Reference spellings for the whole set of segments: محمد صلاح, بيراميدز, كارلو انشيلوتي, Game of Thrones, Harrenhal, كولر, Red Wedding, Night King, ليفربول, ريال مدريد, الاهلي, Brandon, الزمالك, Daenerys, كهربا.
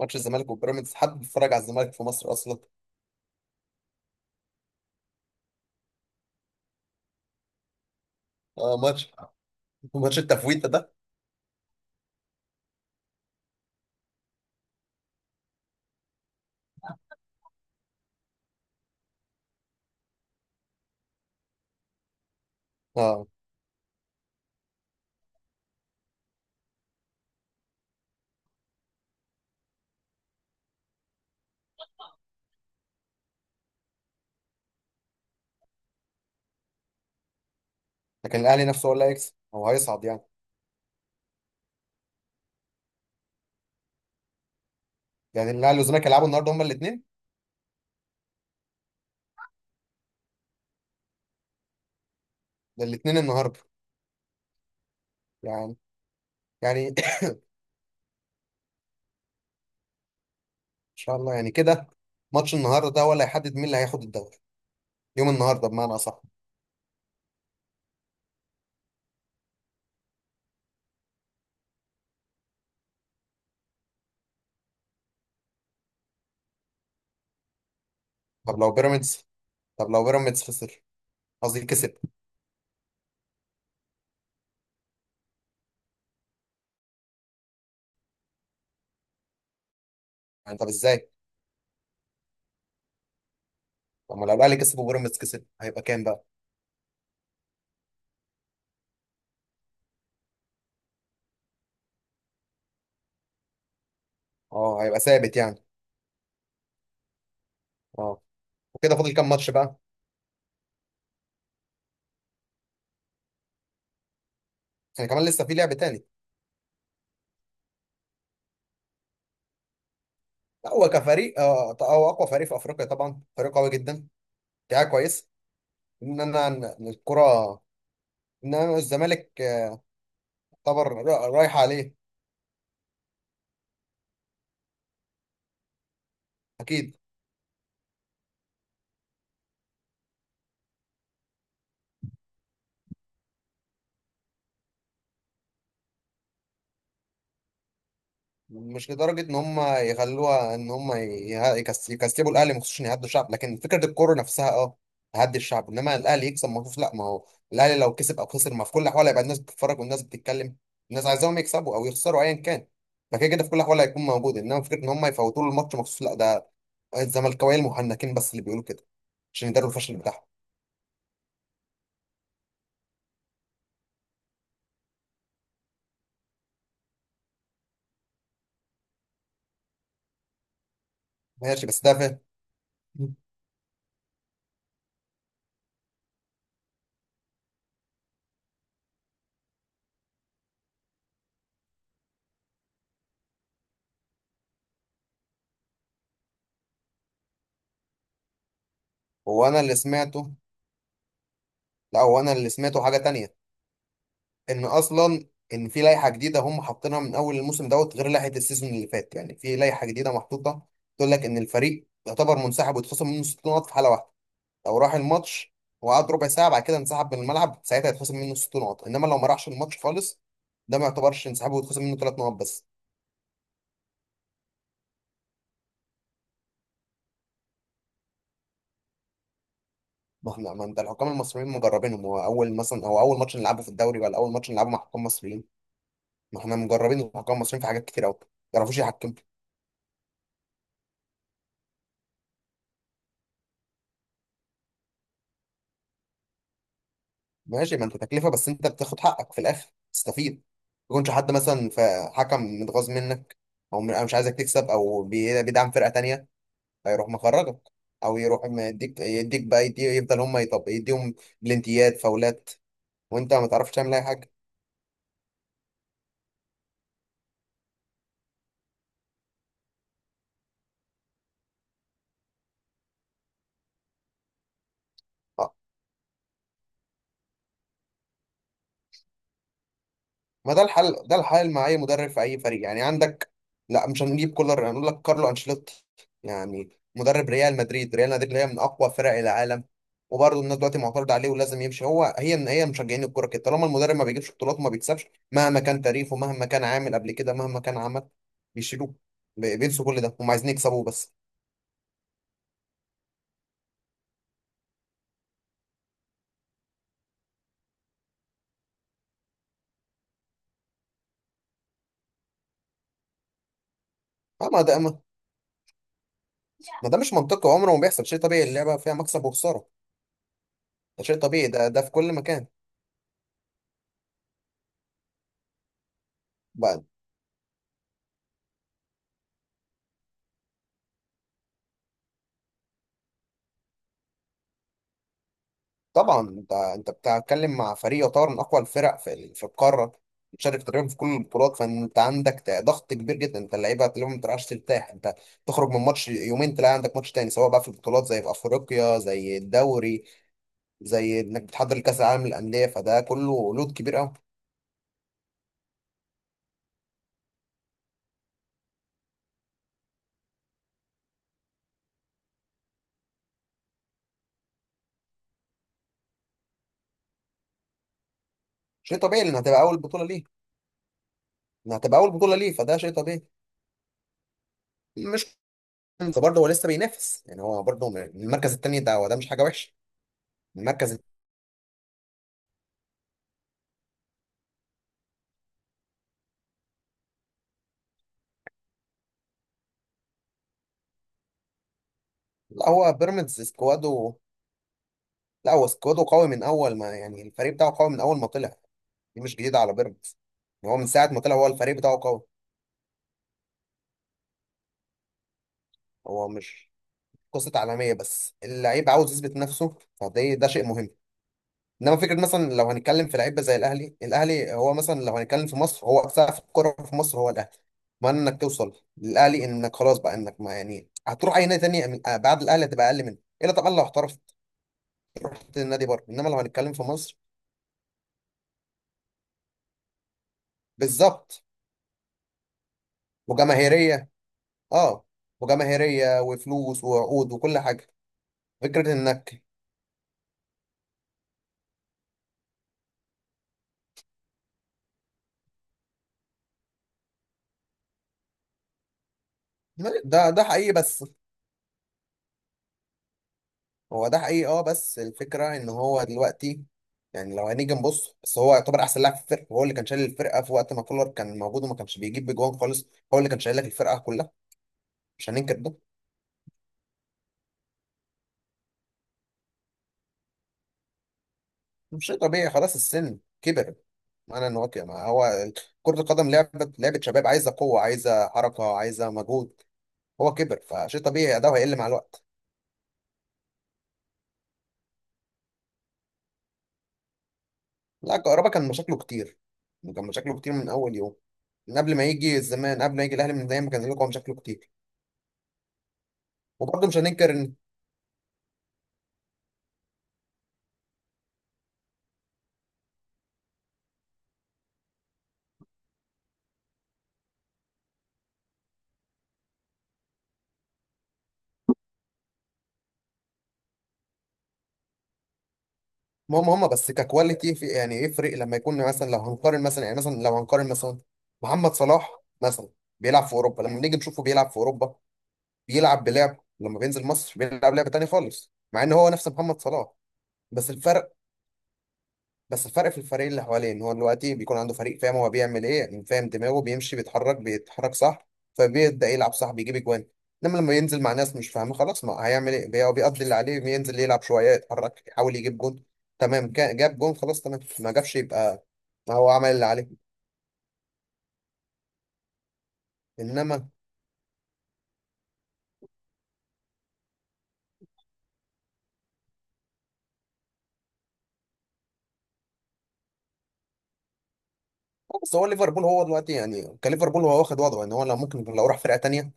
ماتش الزمالك وبيراميدز. حد بيتفرج على الزمالك في مصر اصلا؟ اه، ماتش التفويته ده. اه، لكن الاهلي نفسه هو اللي هيكسب. هو هيصعد يعني. يعني الاهلي والزمالك هيلعبوا النهارده هما الاثنين؟ ده الاثنين النهارده؟ يعني يعني ان شاء الله يعني كده. ماتش النهارده ده هو اللي هيحدد مين اللي هياخد الدوري. يوم النهارده بمعنى اصح. طب لو بيراميدز طب لو بيراميدز خسر. قصدي كسب. يعني طب ازاي؟ طب ما لو الاهلي كسب وبيراميدز كسب هيبقى كام بقى؟ اه، هيبقى ثابت يعني. اه. وكده فاضل كام ماتش بقى؟ يعني كمان لسه في لعب تاني. لا، هو كفريق هو اقوى فريق في افريقيا طبعا. فريق قوي جدا. دفاع كويس. ان انا إن الكره ان انا الزمالك آه، يعتبر رايح عليه. اكيد. مش لدرجه ان هم يخلوها ان هم يكسبوا الاهلي مخصوص عشان يهدوا الشعب. لكن فكره الكوره نفسها اه تهدي الشعب. انما الاهلي يكسب مخصوص لا. ما هو الاهلي لو كسب او خسر، ما في كل الاحوال هيبقى الناس بتتفرج والناس بتتكلم. الناس عايزاهم يكسبوا او يخسروا ايا كان. فكده كده في كل الاحوال هيكون موجود. انما فكره ان هم يفوتوا له الماتش مخصوص لا، ده الزملكاويه المحنكين بس اللي بيقولوا كده. عشان يداروا الفشل بتاعهم. ماشي، بس ده فين؟ هو انا اللي سمعته. لا، هو انا اللي سمعته حاجه تانية. ان اصلا، ان في لائحه جديده هم حاطينها من اول الموسم دوت غير لائحه السيزون اللي فات. يعني في لائحه جديده محطوطه تقول لك ان الفريق يعتبر منسحب ويتخصم منه 60 نقط في حاله واحده. لو راح الماتش وقعد ربع ساعه بعد كده انسحب من الملعب، ساعتها يتخصم منه 60 نقط. انما لو ما راحش الماتش خالص، ده ما يعتبرش انسحاب ويتخصم منه 3 نقط بس. ما احنا ما انت الحكام المصريين مجربينهم. هو اول ماتش نلعبه في الدوري ولا اول ماتش نلعبه مع حكام مصريين؟ ما احنا مجربين الحكام المصريين في حاجات كتير قوي. ما يعرفوش يحكموا. ماشي، ما انت تكلفه، بس انت بتاخد حقك في الاخر تستفيد. ما يكونش حد مثلا فحكم متغاظ منك، او أو مش عايزك تكسب، او بيدعم فرقه تانية، فيروح مخرجك. او يروح يديك بقى يدي يفضل هم يطب يديهم بلنتيات فاولات، وانت ما تعرفش تعمل اي حاجه. ما ده الحل ده الحل مع اي مدرب في اي فريق يعني عندك. لا، مش هنجيب كولر هنقول لك كارلو انشيلوتي. يعني مدرب ريال مدريد. ريال مدريد اللي هي من اقوى فرق العالم، وبرضه الناس دلوقتي معترضه عليه ولازم يمشي. هي ان هي مشجعين الكوره كده، طالما المدرب ما بيجيبش بطولات وما بيكسبش، مهما كان تاريخه، مهما كان عامل قبل كده، مهما كان عمل، بيشيلوه. بينسوا كل ده، هم عايزين يكسبوه بس. آه، ما ده ما ما ده مش منطقي، عمره ما بيحصل. شيء طبيعي، اللعبه فيها مكسب وخساره. ده شيء طبيعي. ده في كل مكان. طبعا، انت بتتكلم مع فريق يعتبر من اقوى الفرق في القاره. بتشارك تقريبا في كل البطولات، فانت عندك ضغط كبير جدا. انت اللعيبه تلاقيهم ما بتعرفش ترتاح. انت تخرج من ماتش يومين تلاقي عندك ماتش تاني، سواء بقى في البطولات زي في افريقيا، زي الدوري، زي انك بتحضر لكاس العالم للانديه. فده كله لود كبير قوي. شيء طبيعي لان هتبقى اول بطوله ليه. ان هتبقى اول بطوله ليه فده شيء طبيعي. مش انت برضه، هو لسه بينافس يعني. هو برضه من المركز الثاني ده، وده مش حاجه وحشه. المركز الت- لا، هو بيراميدز سكواده. لا، هو سكواده قوي من اول ما، يعني الفريق بتاعه قوي من اول ما طلع. دي مش جديده على بيراميدز. يعني هو من ساعه ما طلع هو الفريق بتاعه قوي. هو مش قصه عالميه، بس اللعيب عاوز يثبت نفسه. فده شيء مهم. انما فكره مثلا لو هنتكلم في لعيبه زي الاهلي. الاهلي هو مثلا لو هنتكلم في مصر هو سقف الكوره في مصر هو الاهلي. ما انك توصل للاهلي انك خلاص بقى، انك ما يعني هتروح اي نادي تاني بعد الاهلي هتبقى اقل منه. الا طبعا لو احترفت رحت النادي بره، انما لو هنتكلم في مصر. بالظبط. وجماهيريه. اه. وجماهيريه وفلوس وعقود وكل حاجه. فكره انك ده حقيقي بس. هو ده حقيقي اه، بس الفكره ان هو دلوقتي، يعني لو هنيجي نبص، بس هو يعتبر احسن لاعب في الفرقه. هو اللي كان شايل الفرقه في وقت ما كولر كان موجود وما كانش بيجيب بجوان خالص. هو اللي كان شايل لك الفرقه كلها. مش هننكر ده. مش شيء طبيعي خلاص، السن كبر. انا نواكي. ما هو كرة القدم لعبة، لعبة شباب، عايزة قوة، عايزة حركة، عايزة مجهود. هو كبر فشيء طبيعي ده هيقل مع الوقت. لا، كهربا كان مشاكله كتير. كان مشاكله كتير من اول يوم، من قبل ما يجي الزمان، قبل ما يجي الاهلي، من دايما كان لكم مشاكله كتير. وبرضه مش هننكر ان هم هم بس ككواليتي، في يعني يفرق لما يكون مثلا. لو هنقارن مثلا محمد صلاح مثلا بيلعب في اوروبا. لما نيجي نشوفه بيلعب في اوروبا بيلعب. لما بينزل مصر بيلعب لعبه تانيه خالص مع ان هو نفس محمد صلاح. بس الفرق، بس الفرق في الفريق اللي حواليه. ان هو دلوقتي بيكون عنده فريق فاهم هو بيعمل ايه، يعني فاهم دماغه بيمشي، بيتحرك بيتحرك صح، فبيبدا يلعب صح بيجيب اجوان. انما لما ينزل مع ناس مش فاهمه خلاص ما هيعمل ايه. هو بيقضي اللي عليه، بينزل يلعب شويه، يتحرك، يحاول يجيب جون. تمام جاب جون خلاص تمام، ما جابش يبقى ما هو عمل اللي عليه. انما بس هو ليفربول، هو دلوقتي يعني كليفربول هو واخد وضعه يعني. هو لو ممكن لو راح فرقه تانيه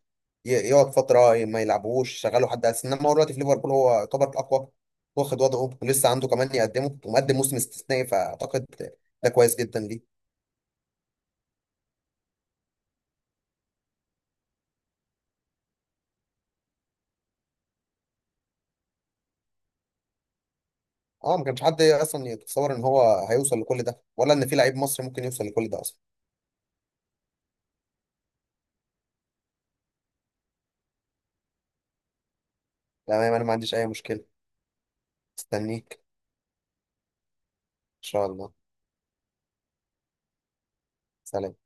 يقعد فتره ما يلعبوش شغاله حد اساسي. انما هو دلوقتي في ليفربول هو يعتبر الاقوى، واخد وضعه ولسه عنده كمان يقدمه، ومقدم موسم استثنائي. فاعتقد ده كويس جدا ليه. اه، ما كانش حد اصلا يتصور ان هو هيوصل لكل ده، ولا ان في لعيب مصري ممكن يوصل لكل ده اصلا. تمام، انا ما عنديش اي مشكله. استنيك ان شاء الله. سلام.